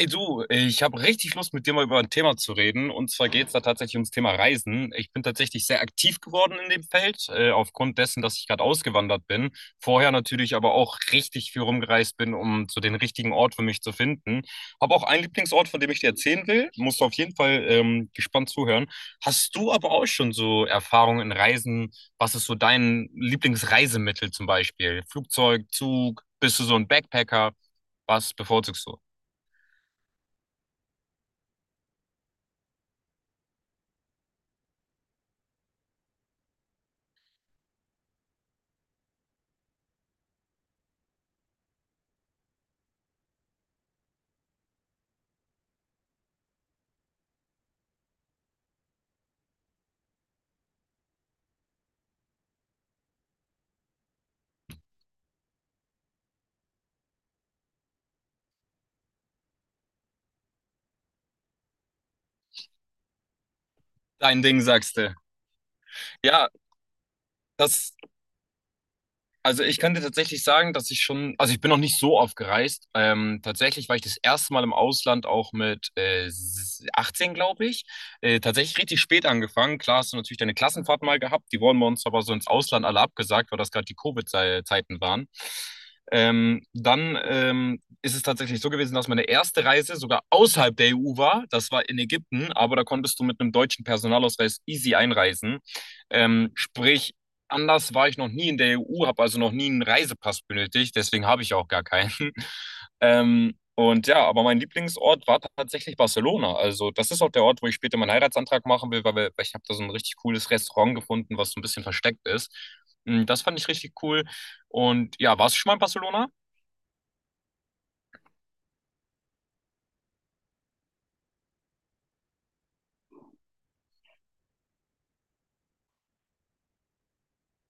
Hey du, ich habe richtig Lust, mit dir mal über ein Thema zu reden. Und zwar geht es da tatsächlich ums Thema Reisen. Ich bin tatsächlich sehr aktiv geworden in dem Feld, aufgrund dessen, dass ich gerade ausgewandert bin. Vorher natürlich aber auch richtig viel rumgereist bin, um so den richtigen Ort für mich zu finden. Habe auch einen Lieblingsort, von dem ich dir erzählen will. Musst du auf jeden Fall gespannt zuhören. Hast du aber auch schon so Erfahrungen in Reisen? Was ist so dein Lieblingsreisemittel zum Beispiel? Flugzeug, Zug? Bist du so ein Backpacker? Was bevorzugst du? Dein Ding, sagst du. Ja, das also ich kann dir tatsächlich sagen, dass ich schon, also ich bin noch nicht so oft gereist. Tatsächlich war ich das erste Mal im Ausland auch mit 18, glaube ich. Tatsächlich richtig spät angefangen. Klar hast du natürlich deine Klassenfahrt mal gehabt. Die wurden bei uns aber so ins Ausland alle abgesagt, weil das gerade die Covid-Zeiten waren. Dann ist es tatsächlich so gewesen, dass meine erste Reise sogar außerhalb der EU war. Das war in Ägypten, aber da konntest du mit einem deutschen Personalausweis easy einreisen. Sprich, anders war ich noch nie in der EU, habe also noch nie einen Reisepass benötigt, deswegen habe ich auch gar keinen. Und ja, aber mein Lieblingsort war tatsächlich Barcelona. Also das ist auch der Ort, wo ich später meinen Heiratsantrag machen will, weil ich habe da so ein richtig cooles Restaurant gefunden, was so ein bisschen versteckt ist. Das fand ich richtig cool. Und ja, warst du schon mal in Barcelona?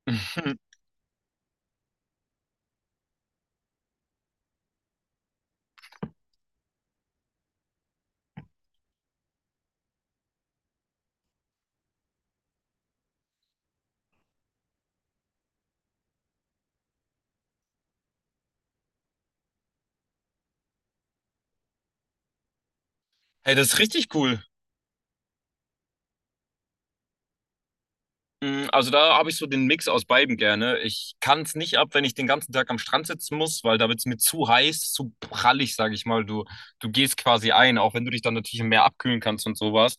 Hey, das ist richtig cool. Also da habe ich so den Mix aus beidem gerne. Ich kann es nicht ab, wenn ich den ganzen Tag am Strand sitzen muss, weil da wird es mir zu heiß, zu prallig, sage ich mal. Du gehst quasi ein, auch wenn du dich dann natürlich im Meer abkühlen kannst und sowas.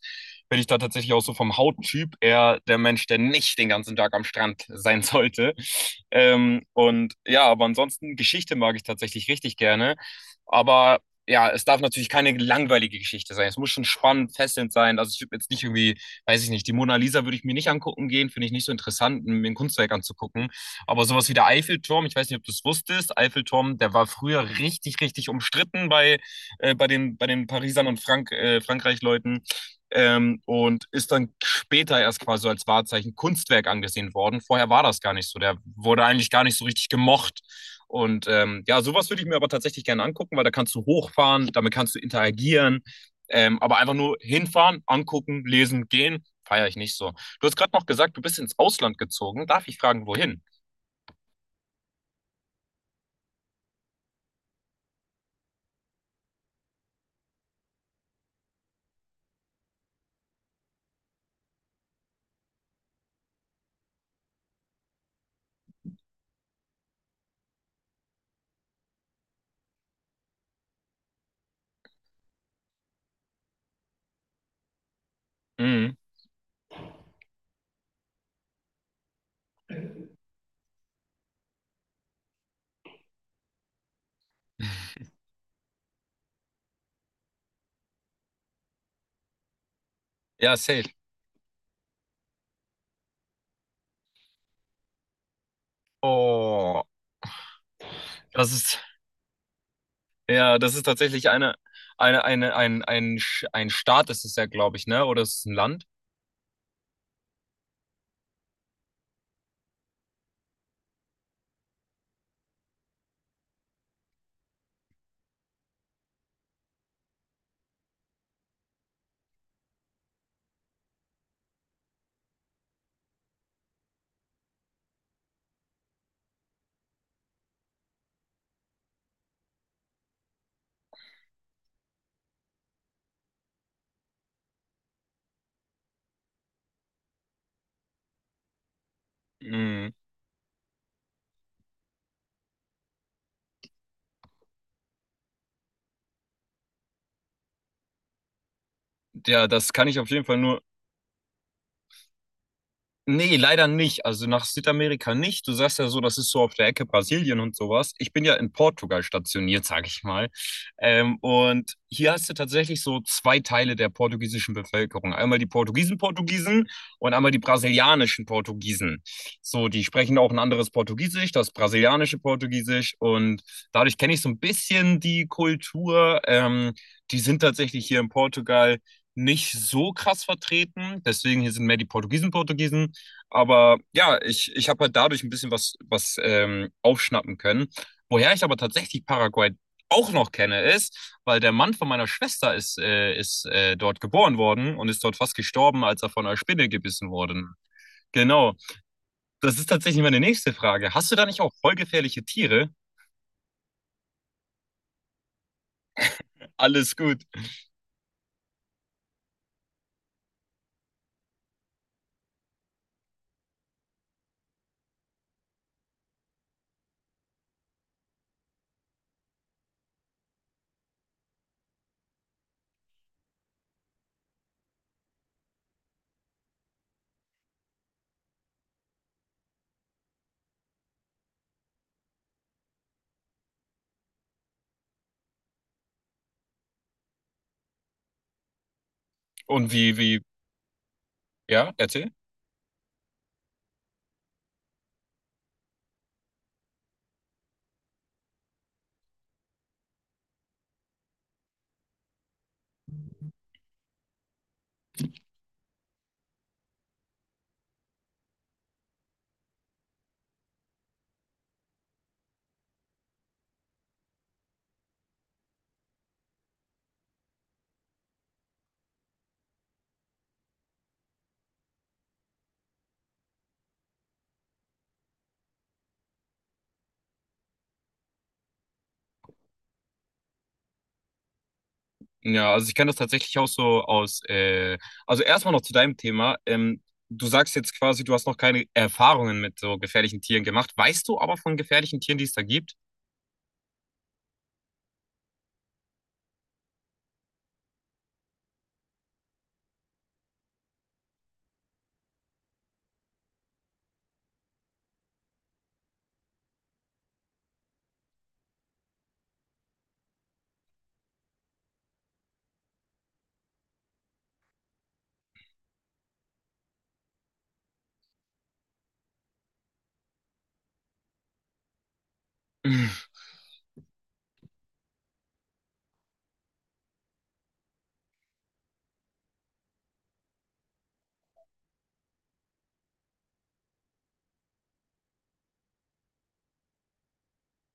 Bin ich da tatsächlich auch so vom Hauttyp eher der Mensch, der nicht den ganzen Tag am Strand sein sollte. Und ja, aber ansonsten Geschichte mag ich tatsächlich richtig gerne. Aber ja, es darf natürlich keine langweilige Geschichte sein. Es muss schon spannend, fesselnd sein. Also ich würde jetzt nicht irgendwie weiß ich nicht, die Mona Lisa würde ich mir nicht angucken gehen, finde ich nicht so interessant, mir ein Kunstwerk anzugucken. Aber sowas wie der Eiffelturm, ich weiß nicht, ob du es wusstest, Eiffelturm, der war früher richtig, richtig umstritten bei den Parisern und Frankreich-Leuten. Und ist dann später erst quasi so als Wahrzeichen Kunstwerk angesehen worden. Vorher war das gar nicht so. Der wurde eigentlich gar nicht so richtig gemocht. Und ja, sowas würde ich mir aber tatsächlich gerne angucken, weil da kannst du hochfahren, damit kannst du interagieren, aber einfach nur hinfahren, angucken, lesen, gehen, feiere ich nicht so. Du hast gerade noch gesagt, du bist ins Ausland gezogen. Darf ich fragen, wohin? Mhm. Ja, safe. Oh, das ist, ja, das ist tatsächlich eine, ein, Sch- ein Staat ist es ja, glaube ich, ne? Oder ist es ein Land? Mhm. Ja, das kann ich auf jeden Fall nur, Nee, leider nicht. Also nach Südamerika nicht. Du sagst ja so, das ist so auf der Ecke Brasilien und sowas. Ich bin ja in Portugal stationiert, sage ich mal. Und hier hast du tatsächlich so zwei Teile der portugiesischen Bevölkerung. Einmal die Portugiesen Portugiesen und einmal die brasilianischen Portugiesen. So, die sprechen auch ein anderes Portugiesisch, das brasilianische Portugiesisch. Und dadurch kenne ich so ein bisschen die Kultur. Die sind tatsächlich hier in Portugal nicht so krass vertreten. Deswegen hier sind mehr die Portugiesen Portugiesen. Aber ja, ich habe halt dadurch ein bisschen was, aufschnappen können. Woher ich aber tatsächlich Paraguay auch noch kenne, ist, weil der Mann von meiner Schwester ist, ist dort geboren worden und ist dort fast gestorben, als er von einer Spinne gebissen wurde. Genau. Das ist tatsächlich meine nächste Frage. Hast du da nicht auch voll gefährliche Tiere? Alles gut. Und wie, wie, ja, erzähl. Ja, also ich kenne das tatsächlich auch so aus. Also erstmal noch zu deinem Thema. Du sagst jetzt quasi, du hast noch keine Erfahrungen mit so gefährlichen Tieren gemacht. Weißt du aber von gefährlichen Tieren, die es da gibt?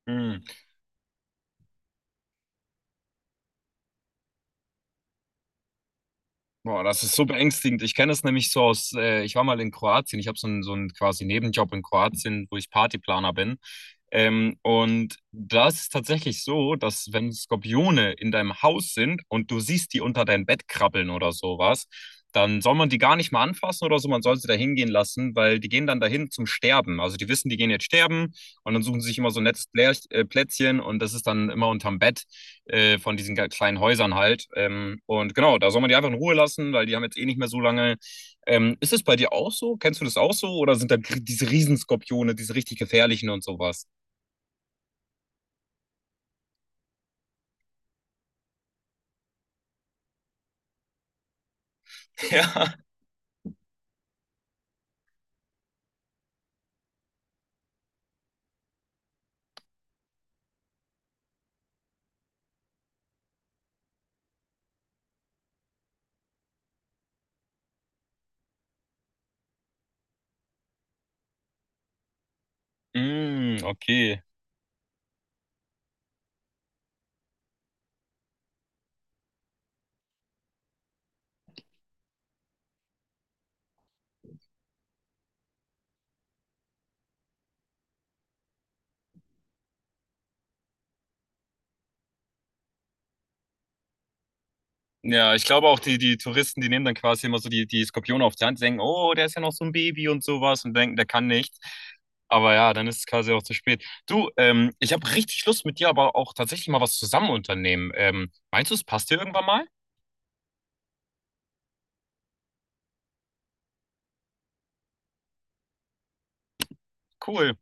Boah, das ist so beängstigend. Ich kenne es nämlich so aus, ich war mal in Kroatien, ich habe so einen quasi Nebenjob in Kroatien, wo ich Partyplaner bin. Und da ist es tatsächlich so, dass wenn Skorpione in deinem Haus sind und du siehst die unter dein Bett krabbeln oder sowas, dann soll man die gar nicht mal anfassen oder so, man soll sie da hingehen lassen, weil die gehen dann dahin zum Sterben. Also die wissen, die gehen jetzt sterben und dann suchen sie sich immer so ein nettes Plätzchen und das ist dann immer unterm Bett von diesen kleinen Häusern halt. Und genau, da soll man die einfach in Ruhe lassen, weil die haben jetzt eh nicht mehr so lange. Ist es bei dir auch so? Kennst du das auch so? Oder sind da gr- diese Riesenskorpione, diese richtig gefährlichen und sowas? Ja. Mm, okay. Ja, ich glaube auch, die Touristen, die nehmen dann quasi immer so die Skorpione auf die Hand, denken, oh, der ist ja noch so ein Baby und sowas und denken, der kann nichts. Aber ja, dann ist es quasi auch zu spät. Du, ich habe richtig Lust mit dir, aber auch tatsächlich mal was zusammen unternehmen. Meinst du, es passt dir irgendwann mal? Cool.